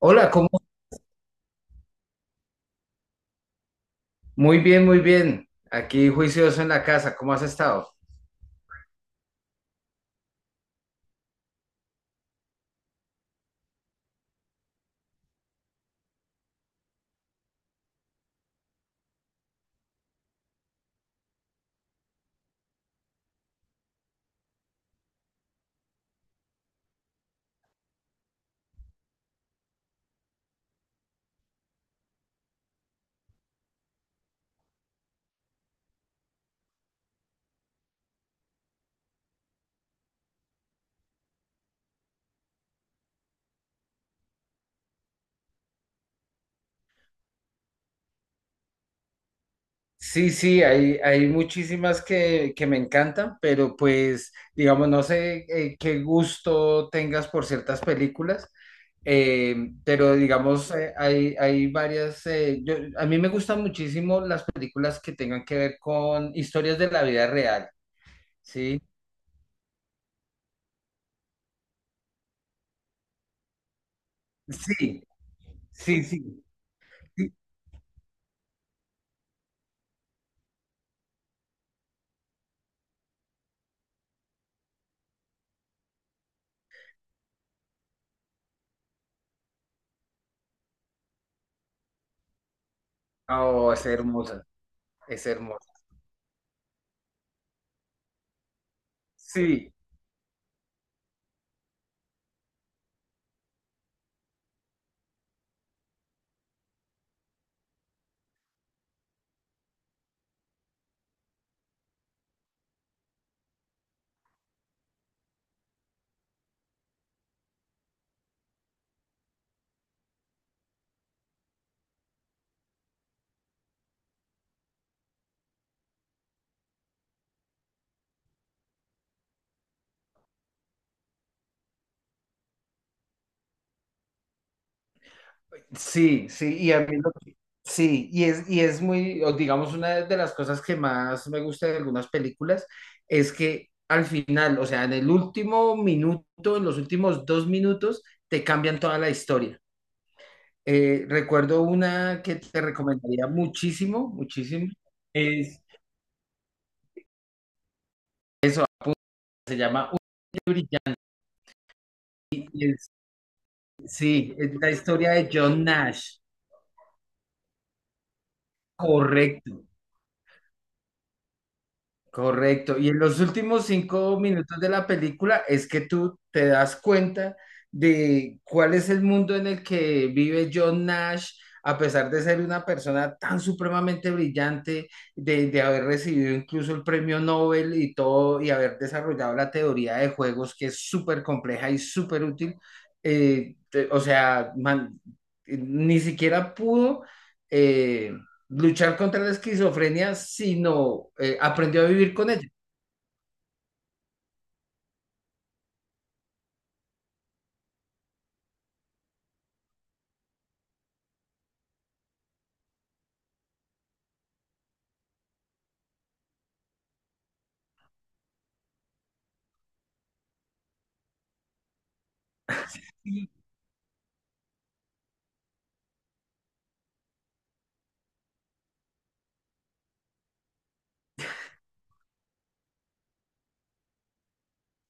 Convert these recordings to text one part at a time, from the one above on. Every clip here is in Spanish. Hola, ¿cómo? Muy bien, muy bien. Aquí juicioso en la casa, ¿cómo has estado? Sí, sí, hay muchísimas que me encantan, pero pues, digamos, no sé qué gusto tengas por ciertas películas, eh, pero digamos, hay varias, a mí me gustan muchísimo las películas que tengan que ver con historias de la vida real, ¿sí? Sí, sí, sí. Sí. Oh, es hermosa, es hermosa. Sí. Sí, sí, y a mí lo que- sí, y es muy, o digamos, una de las cosas que más me gusta de algunas películas es que al final, o sea, en el último minuto, en los últimos dos minutos, te cambian toda la historia. Recuerdo una que te recomendaría muchísimo, muchísimo, es, se llama Un Brillante, y es- sí, es la historia de John Nash, correcto. Correcto. Y en los últimos cinco minutos de la película es que tú te das cuenta de cuál es el mundo en el que vive John Nash, a pesar de ser una persona tan supremamente brillante, de haber recibido incluso el premio Nobel y todo, y haber desarrollado la teoría de juegos, que es súper compleja y súper útil. Eh, te- o sea, man- ni siquiera pudo. eh, luchar contra la esquizofrenia, sino aprendió a vivir con ella.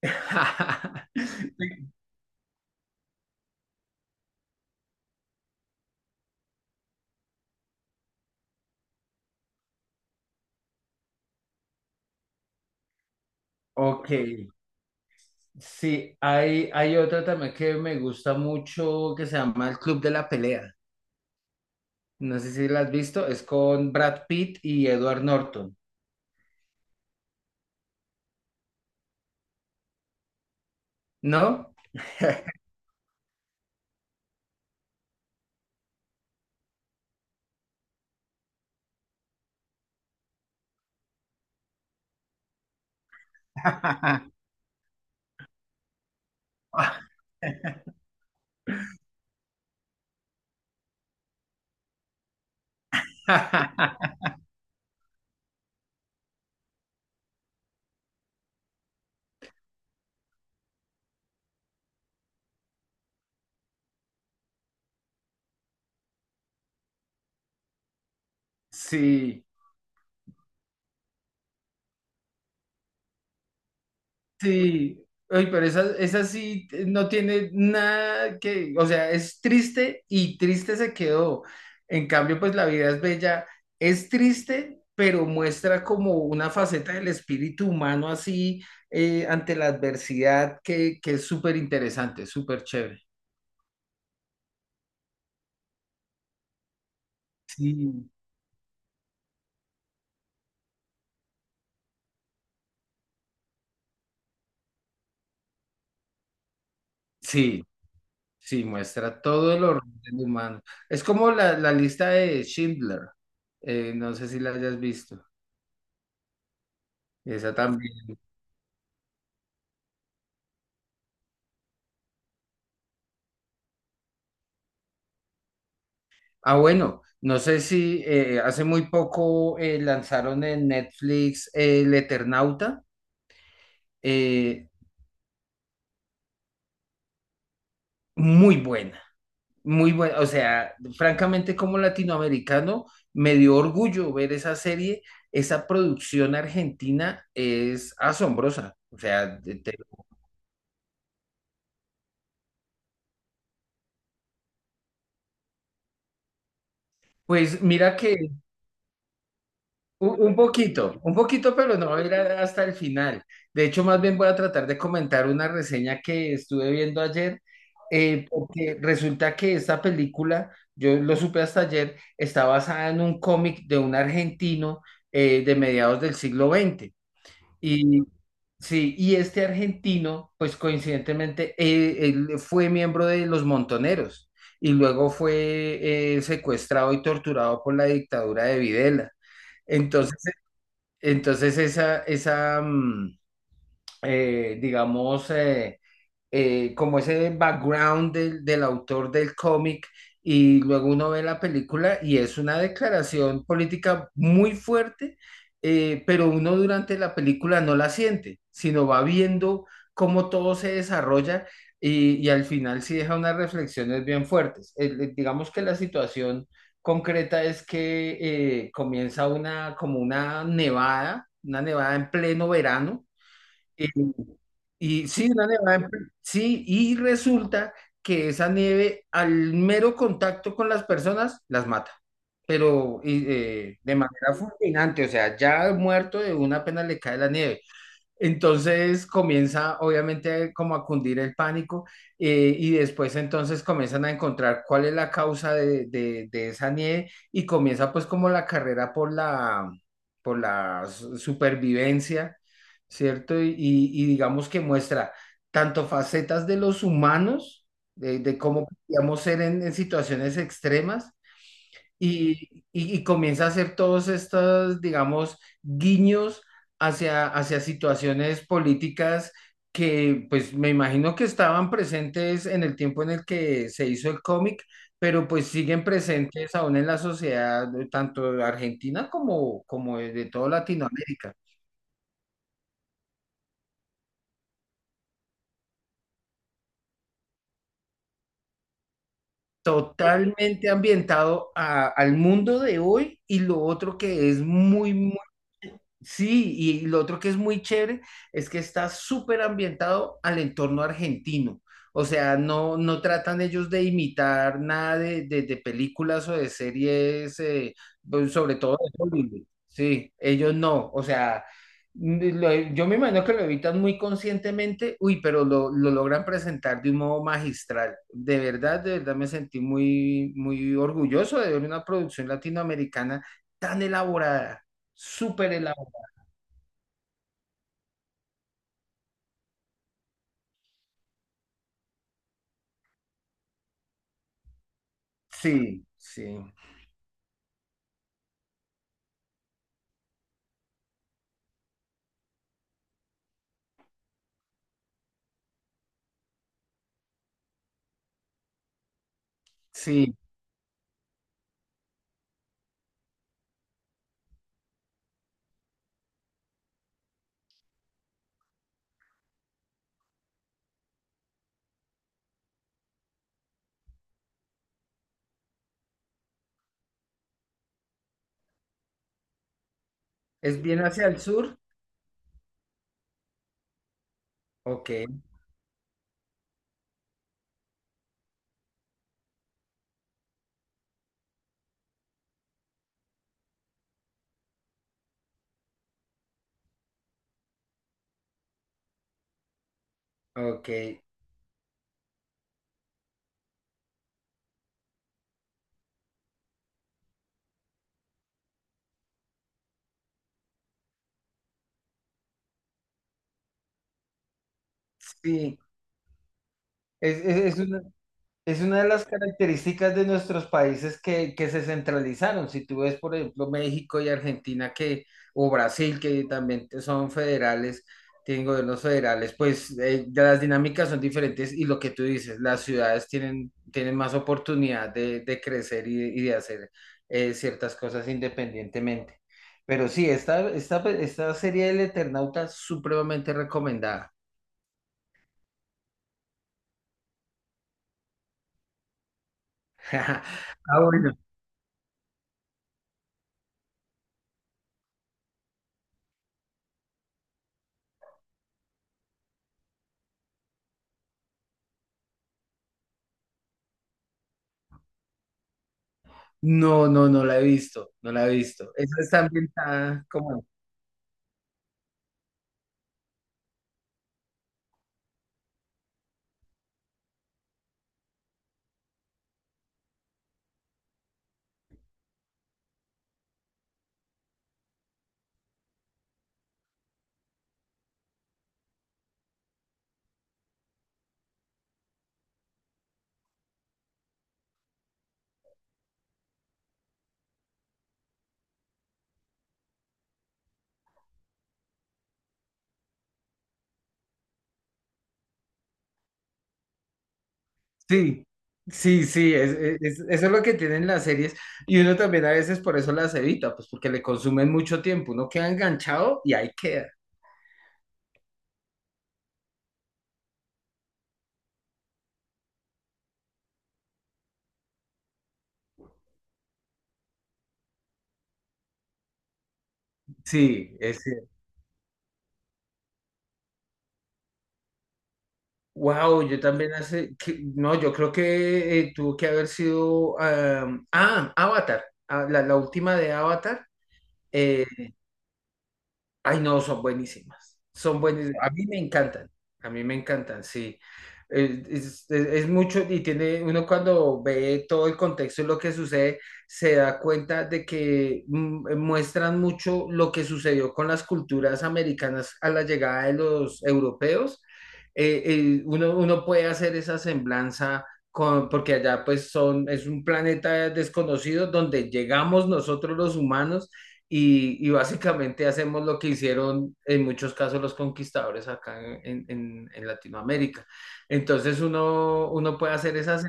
Ok, sí, hay otra también que me gusta mucho que se llama El Club de la Pelea. No sé si la has visto, es con Brad Pitt y Edward Norton, ¿no? Sí, sí, oye, pero esa sí no tiene nada que, o sea, es triste y triste se quedó. En cambio, pues La vida es bella, es triste, pero muestra como una faceta del espíritu humano así ante la adversidad que es súper interesante, súper chévere. Sí, sí, sí, muestra todo el horror del humano. Es como la lista de Schindler, no sé si la hayas visto, esa también. Ah, bueno, no sé si hace muy poco lanzaron en Netflix El Eternauta, eh, muy buena, muy buena, o sea, francamente como latinoamericano me dio orgullo ver esa serie, esa producción argentina es asombrosa, pues mira que un, un poquito, pero no voy a ir a- hasta el final. De hecho, más bien voy a tratar de comentar una reseña que estuve viendo ayer, porque resulta que esta película, yo lo supe hasta ayer, está basada en un cómic de un argentino de mediados del siglo XX. Y, Sí, y este argentino, pues coincidentemente, él fue miembro de los Montoneros y luego fue secuestrado y torturado por la dictadura de Videla. Entonces entonces eh, digamos, eh, como ese background del autor del cómic y luego uno ve la película y es una declaración política muy fuerte, pero uno durante la película no la siente, sino va viendo cómo todo se desarrolla y al final sí deja unas reflexiones bien fuertes. Digamos que la situación concreta es que comienza una, como una nevada en pleno verano. Y sí, una nevada, sí, y resulta que esa nieve al mero contacto con las personas las mata, pero de manera fulminante, o sea, ya muerto de una pena le cae la nieve. Entonces comienza obviamente como a cundir el pánico y después entonces comienzan a encontrar cuál es la causa de esa nieve y comienza pues como la carrera por por la supervivencia, ¿cierto? Y digamos que muestra tanto facetas de los humanos, de cómo podríamos ser en situaciones extremas, y comienza a hacer todos estos, digamos, guiños hacia situaciones políticas que, pues, me imagino que estaban presentes en el tiempo en el que se hizo el cómic, pero pues siguen presentes aún en la sociedad, tanto argentina como, como de toda Latinoamérica. Totalmente ambientado al mundo de hoy y lo otro que es muy, muy sí, y lo otro que es muy chévere es que está súper ambientado al entorno argentino. O sea, no, no tratan ellos de imitar nada de películas o de series, pues, sobre todo de Hollywood. Sí, ellos no. O sea, yo me imagino que lo evitan muy conscientemente, uy, pero lo logran presentar de un modo magistral. De verdad me sentí muy, muy orgulloso de ver una producción latinoamericana tan elaborada, súper elaborada. Sí, sí, sí. ¿Es bien hacia el sur? Ok, ok. Sí, es una- es una de las características de nuestros países que se centralizaron. Si tú ves, por ejemplo, México y Argentina, o Brasil, son federales, tienen gobiernos federales, pues ya las dinámicas son diferentes y lo que tú dices, las ciudades tienen, tienen más oportunidad de crecer y de hacer ciertas cosas independientemente. Pero sí, esta serie del Eternauta es supremamente recomendada. Ah, bueno. No, no, no la he visto, no la he visto. Eso está ambientada como... Sí, sí, sí, eso es lo que tienen las series y uno también a veces por eso las evita, pues porque le consumen mucho tiempo, uno queda enganchado y ahí queda. Sí, es... Wow, yo también hace... no, yo creo que tuvo que haber sido... Avatar, ah, la última de Avatar. eh, Ay, no, son buenísimas. Son buenísimas. A mí me encantan. A mí me encantan, sí. Es mucho y tiene uno cuando ve todo el contexto y lo que sucede, se da cuenta de que muestran mucho lo que sucedió con las culturas americanas a la llegada de los europeos. Uno puede hacer esa semblanza con, porque allá pues son, es un planeta desconocido donde llegamos nosotros los humanos y básicamente hacemos lo que hicieron en muchos casos los conquistadores acá en Latinoamérica. Entonces uno puede hacer esas...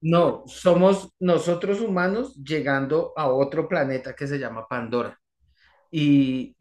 No, somos nosotros humanos llegando a otro planeta que se llama Pandora. Y,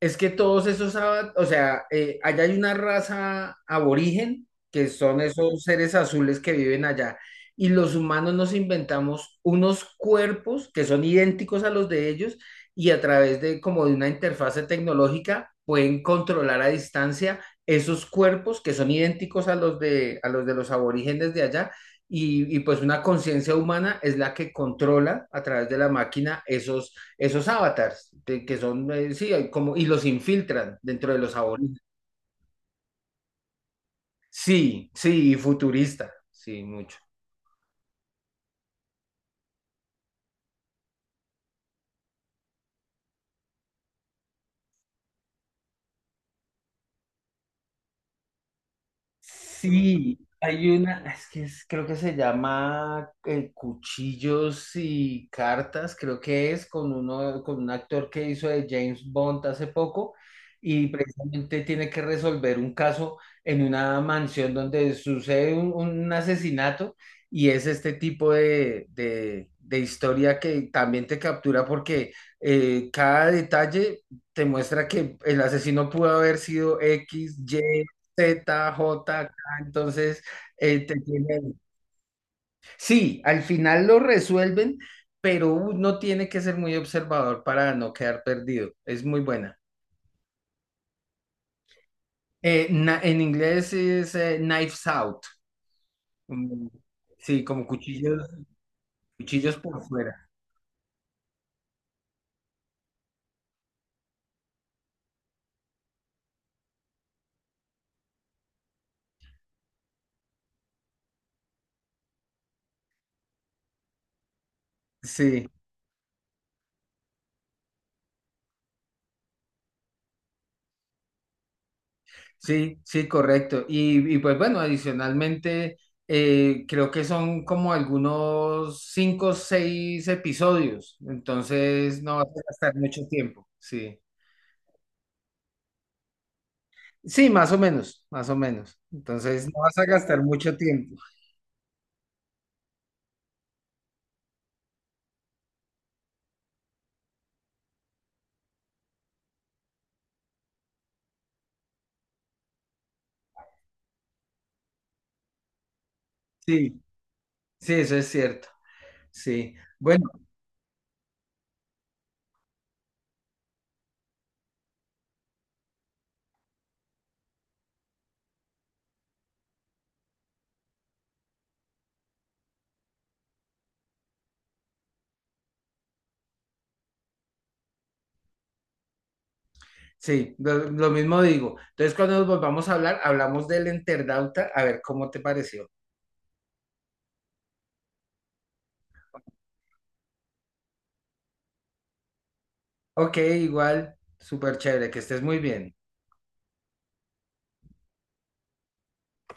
es que todos esos, ava- o sea, allá hay una raza aborigen, que son esos seres azules que viven allá, y los humanos nos inventamos unos cuerpos que son idénticos a los de ellos y a través de como de una interfase tecnológica pueden controlar a distancia esos cuerpos que son idénticos a los a los de los aborígenes de allá. Y pues una conciencia humana es la que controla a través de la máquina esos avatars, que son, sí, hay como, y los infiltran dentro de los aborígenes. Sí, sí, y futurista, sí, mucho. Sí, hay una, creo que se llama Cuchillos y Cartas, creo que es con uno, con un actor que hizo de James Bond hace poco y precisamente tiene que resolver un caso en una mansión donde sucede un asesinato y es este tipo de historia que también te captura porque cada detalle te muestra que el asesino pudo haber sido X, Y. Z, J, K, entonces te tienen- sí, al final lo resuelven, pero uno tiene que ser muy observador para no quedar perdido. Es muy buena. En inglés es Knives Out. Mm, sí, como cuchillos, cuchillos por fuera. Sí, sí, sí, correcto. Y pues bueno, adicionalmente, creo que son como algunos cinco o seis episodios, entonces no vas a gastar mucho tiempo. Sí. Sí, más o menos, más o menos. Entonces no vas a gastar mucho tiempo. Sí, sí, eso es cierto. Sí. Bueno, sí, lo mismo digo. Entonces cuando nos volvamos a hablar, hablamos del Enterdauta, a ver cómo te pareció. Ok, igual, súper chévere, que estés muy bien.